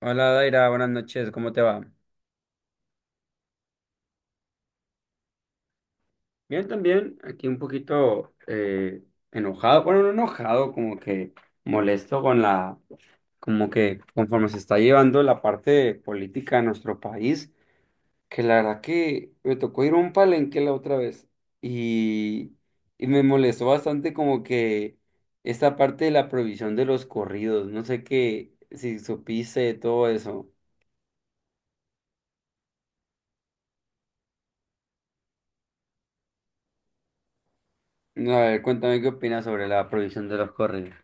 Hola Daira, buenas noches, ¿cómo te va? Bien, también, aquí un poquito enojado, bueno, no enojado, como que molesto con la, como que conforme se está llevando la parte política de nuestro país, que la verdad que me tocó ir a un palenque la otra vez y, y me molestó bastante como que esta parte de la prohibición de los corridos, no sé qué, si supiste de todo eso. A ver, cuéntame qué opinas sobre la prohibición de los corridos.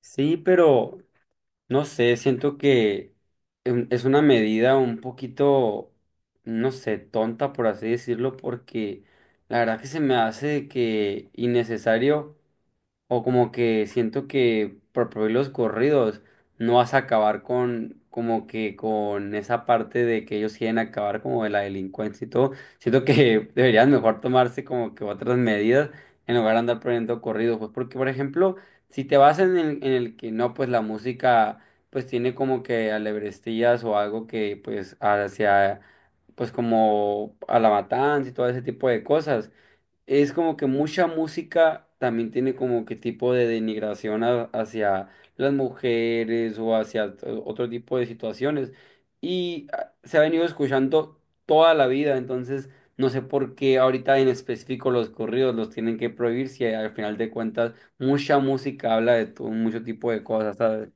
Sí, pero no sé, siento que es una medida un poquito, no sé, tonta por así decirlo, porque la verdad que se me hace que innecesario. O como que siento que por prohibir los corridos no vas a acabar con como que con esa parte de que ellos quieren acabar como de la delincuencia y todo. Siento que deberían mejor tomarse como que otras medidas en lugar de andar prohibiendo corridos, pues porque por ejemplo, si te vas en el que no, pues la música pues tiene como que alebrestillas o algo que pues hacia pues como a la matanza y todo ese tipo de cosas es como que mucha música también tiene como que tipo de denigración hacia las mujeres o hacia otro tipo de situaciones. Y se ha venido escuchando toda la vida, entonces no sé por qué ahorita en específico los corridos los tienen que prohibir si al final de cuentas mucha música habla de mucho tipo de cosas, ¿sabes?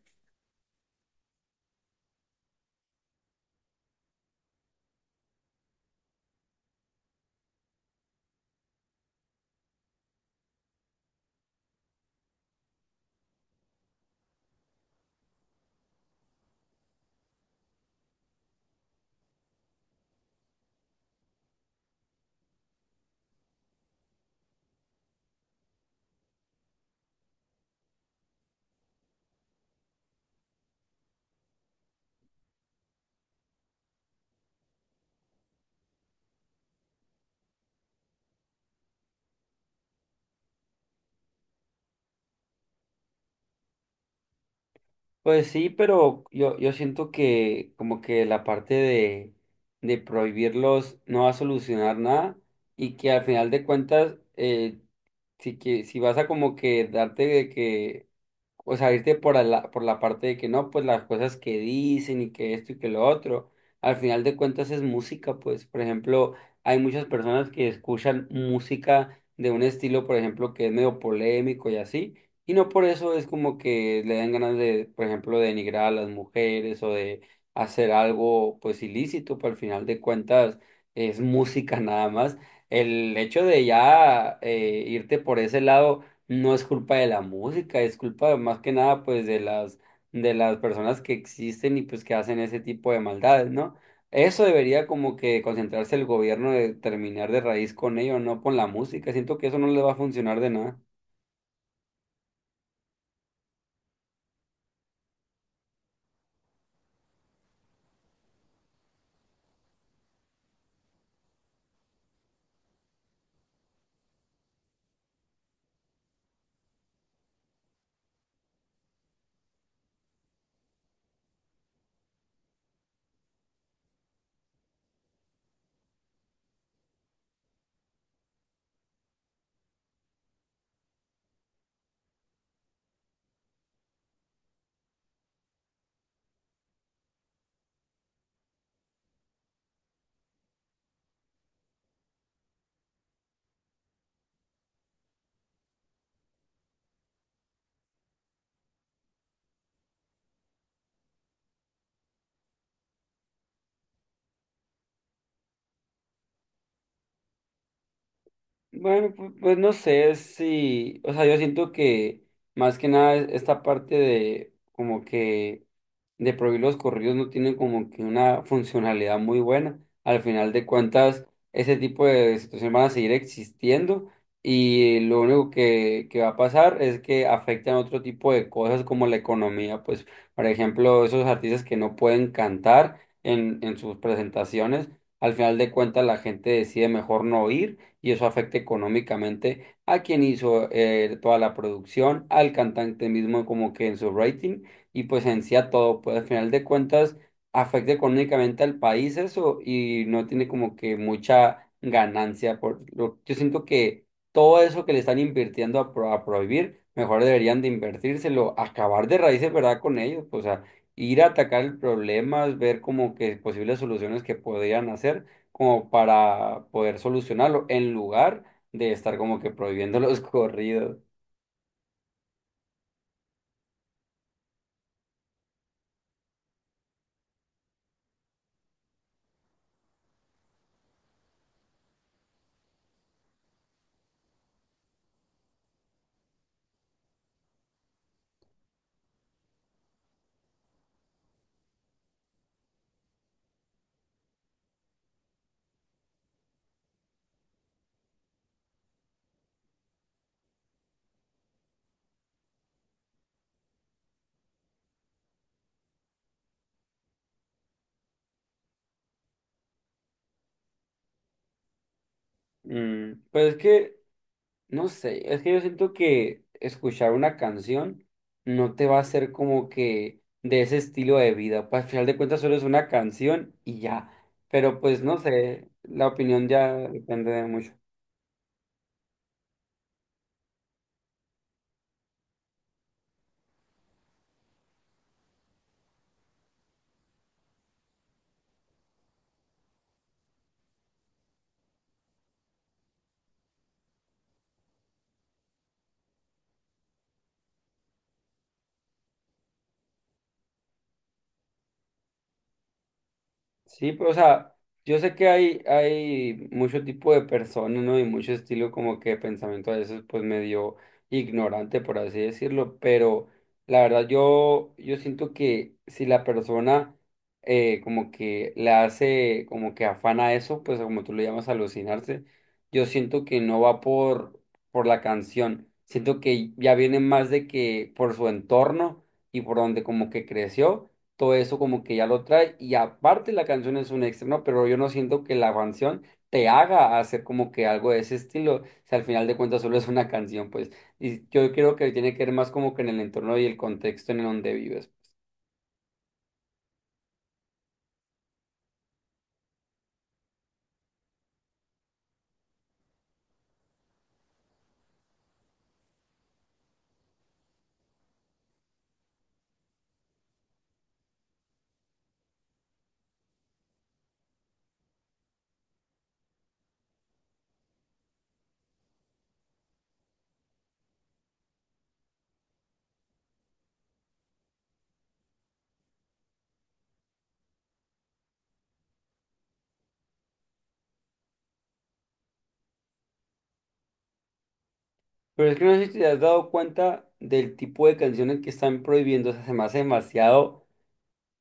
Pues sí, pero yo siento que como que la parte de prohibirlos no va a solucionar nada y que al final de cuentas, si, que, si vas a como que darte de que, o sea, irte por la parte de que no, pues las cosas que dicen y que esto y que lo otro, al final de cuentas es música, pues, por ejemplo, hay muchas personas que escuchan música de un estilo, por ejemplo, que es medio polémico y así, y no por eso es como que le dan ganas de, por ejemplo, de denigrar a las mujeres o de hacer algo, pues, ilícito, pero al final de cuentas es música nada más. El hecho de ya irte por ese lado no es culpa de la música, es culpa más que nada pues de las personas que existen y pues que hacen ese tipo de maldades, ¿no? Eso debería como que concentrarse el gobierno de terminar de raíz con ello, no con la música. Siento que eso no le va a funcionar de nada. Bueno, pues, no sé si, o sea, yo siento que más que nada esta parte de como que de prohibir los corridos no tiene como que una funcionalidad muy buena. Al final de cuentas, ese tipo de situaciones van a seguir existiendo y lo único que va a pasar es que afectan otro tipo de cosas como la economía. Pues, por ejemplo, esos artistas que no pueden cantar en sus presentaciones, al final de cuentas la gente decide mejor no ir y eso afecta económicamente a quien hizo toda la producción, al cantante mismo como que en su rating y pues en sí a todo, pues al final de cuentas afecta económicamente al país eso y no tiene como que mucha ganancia. Por lo, yo siento que todo eso que le están invirtiendo a, a prohibir, mejor deberían de invertírselo, acabar de raíces, ¿verdad? Con ellos, pues, o sea, ir a atacar el problema, ver como que posibles soluciones que podrían hacer como para poder solucionarlo en lugar de estar como que prohibiendo los corridos. Pues es que, no sé, es que yo siento que escuchar una canción no te va a hacer como que de ese estilo de vida, pues al final de cuentas solo es una canción y ya, pero pues no sé, la opinión ya depende de mucho. Sí, pues, o sea, yo sé que hay mucho tipo de personas, ¿no? Y mucho estilo como que de pensamiento a veces pues medio ignorante, por así decirlo, pero la verdad yo siento que si la persona como que le hace como que afana eso, pues como tú le llamas alucinarse, yo siento que no va por la canción, siento que ya viene más de que por su entorno y por donde como que creció todo eso como que ya lo trae y aparte la canción es un extra, ¿no? Pero yo no siento que la canción te haga hacer como que algo de ese estilo, si al final de cuentas solo es una canción, pues, y yo creo que tiene que ver más como que en el entorno y el contexto en el donde vives. Pero es que no sé si te has dado cuenta del tipo de canciones que están prohibiendo, o sea, se me hace demasiado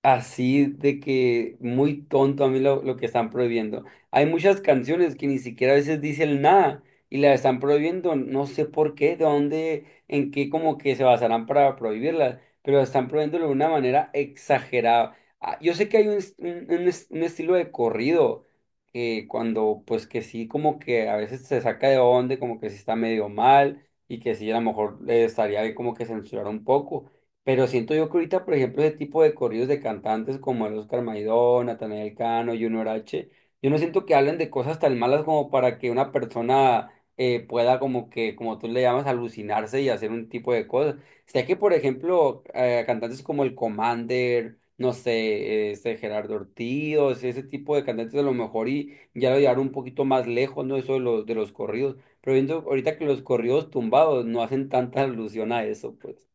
así de que muy tonto a mí lo que están prohibiendo. Hay muchas canciones que ni siquiera a veces dicen nada y las están prohibiendo, no sé por qué, de dónde, en qué como que se basarán para prohibirlas, pero están prohibiéndolo de una manera exagerada. Ah, yo sé que hay un estilo de corrido que cuando pues que sí como que a veces se saca de onda, como que sí está medio mal y que sí a lo mejor estaría bien como que censurar un poco. Pero siento yo que ahorita, por ejemplo, ese tipo de corridos de cantantes como el Oscar Maidón, Natanael Cano, Junior H, yo no siento que hablen de cosas tan malas como para que una persona pueda como que, como tú le llamas, alucinarse y hacer un tipo de cosas. Sé que, por ejemplo, cantantes como el Commander, no sé, este Gerardo Ortiz, o sea, ese tipo de cantantes a lo mejor y ya lo llevaron un poquito más lejos, ¿no? Eso de los corridos. Pero viendo ahorita que los corridos tumbados no hacen tanta alusión a eso, pues.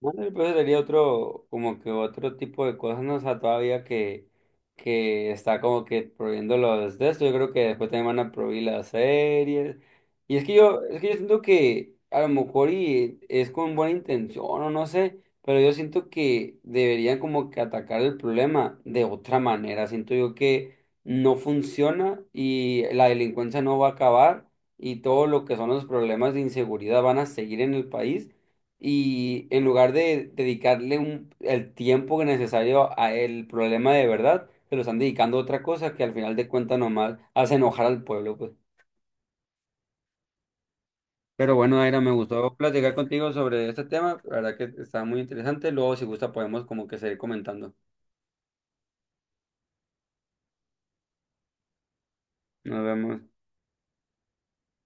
Bueno, pues sería otro, como que otro tipo de cosas, ¿no? O sea, todavía que está como que prohibiendo los de esto. Yo creo que después también van a prohibir las series. Es que yo siento que a lo mejor y es con buena intención o no sé, pero yo siento que deberían como que atacar el problema de otra manera. Siento yo que no funciona y la delincuencia no va a acabar y todo lo que son los problemas de inseguridad van a seguir en el país y en lugar de dedicarle el tiempo necesario a el problema de verdad, se lo están dedicando a otra cosa que al final de cuentas nomás hace enojar al pueblo, pues. Pero bueno, Aira, me gustó platicar contigo sobre este tema, la verdad que está muy interesante, luego si gusta podemos como que seguir comentando. Nos vemos.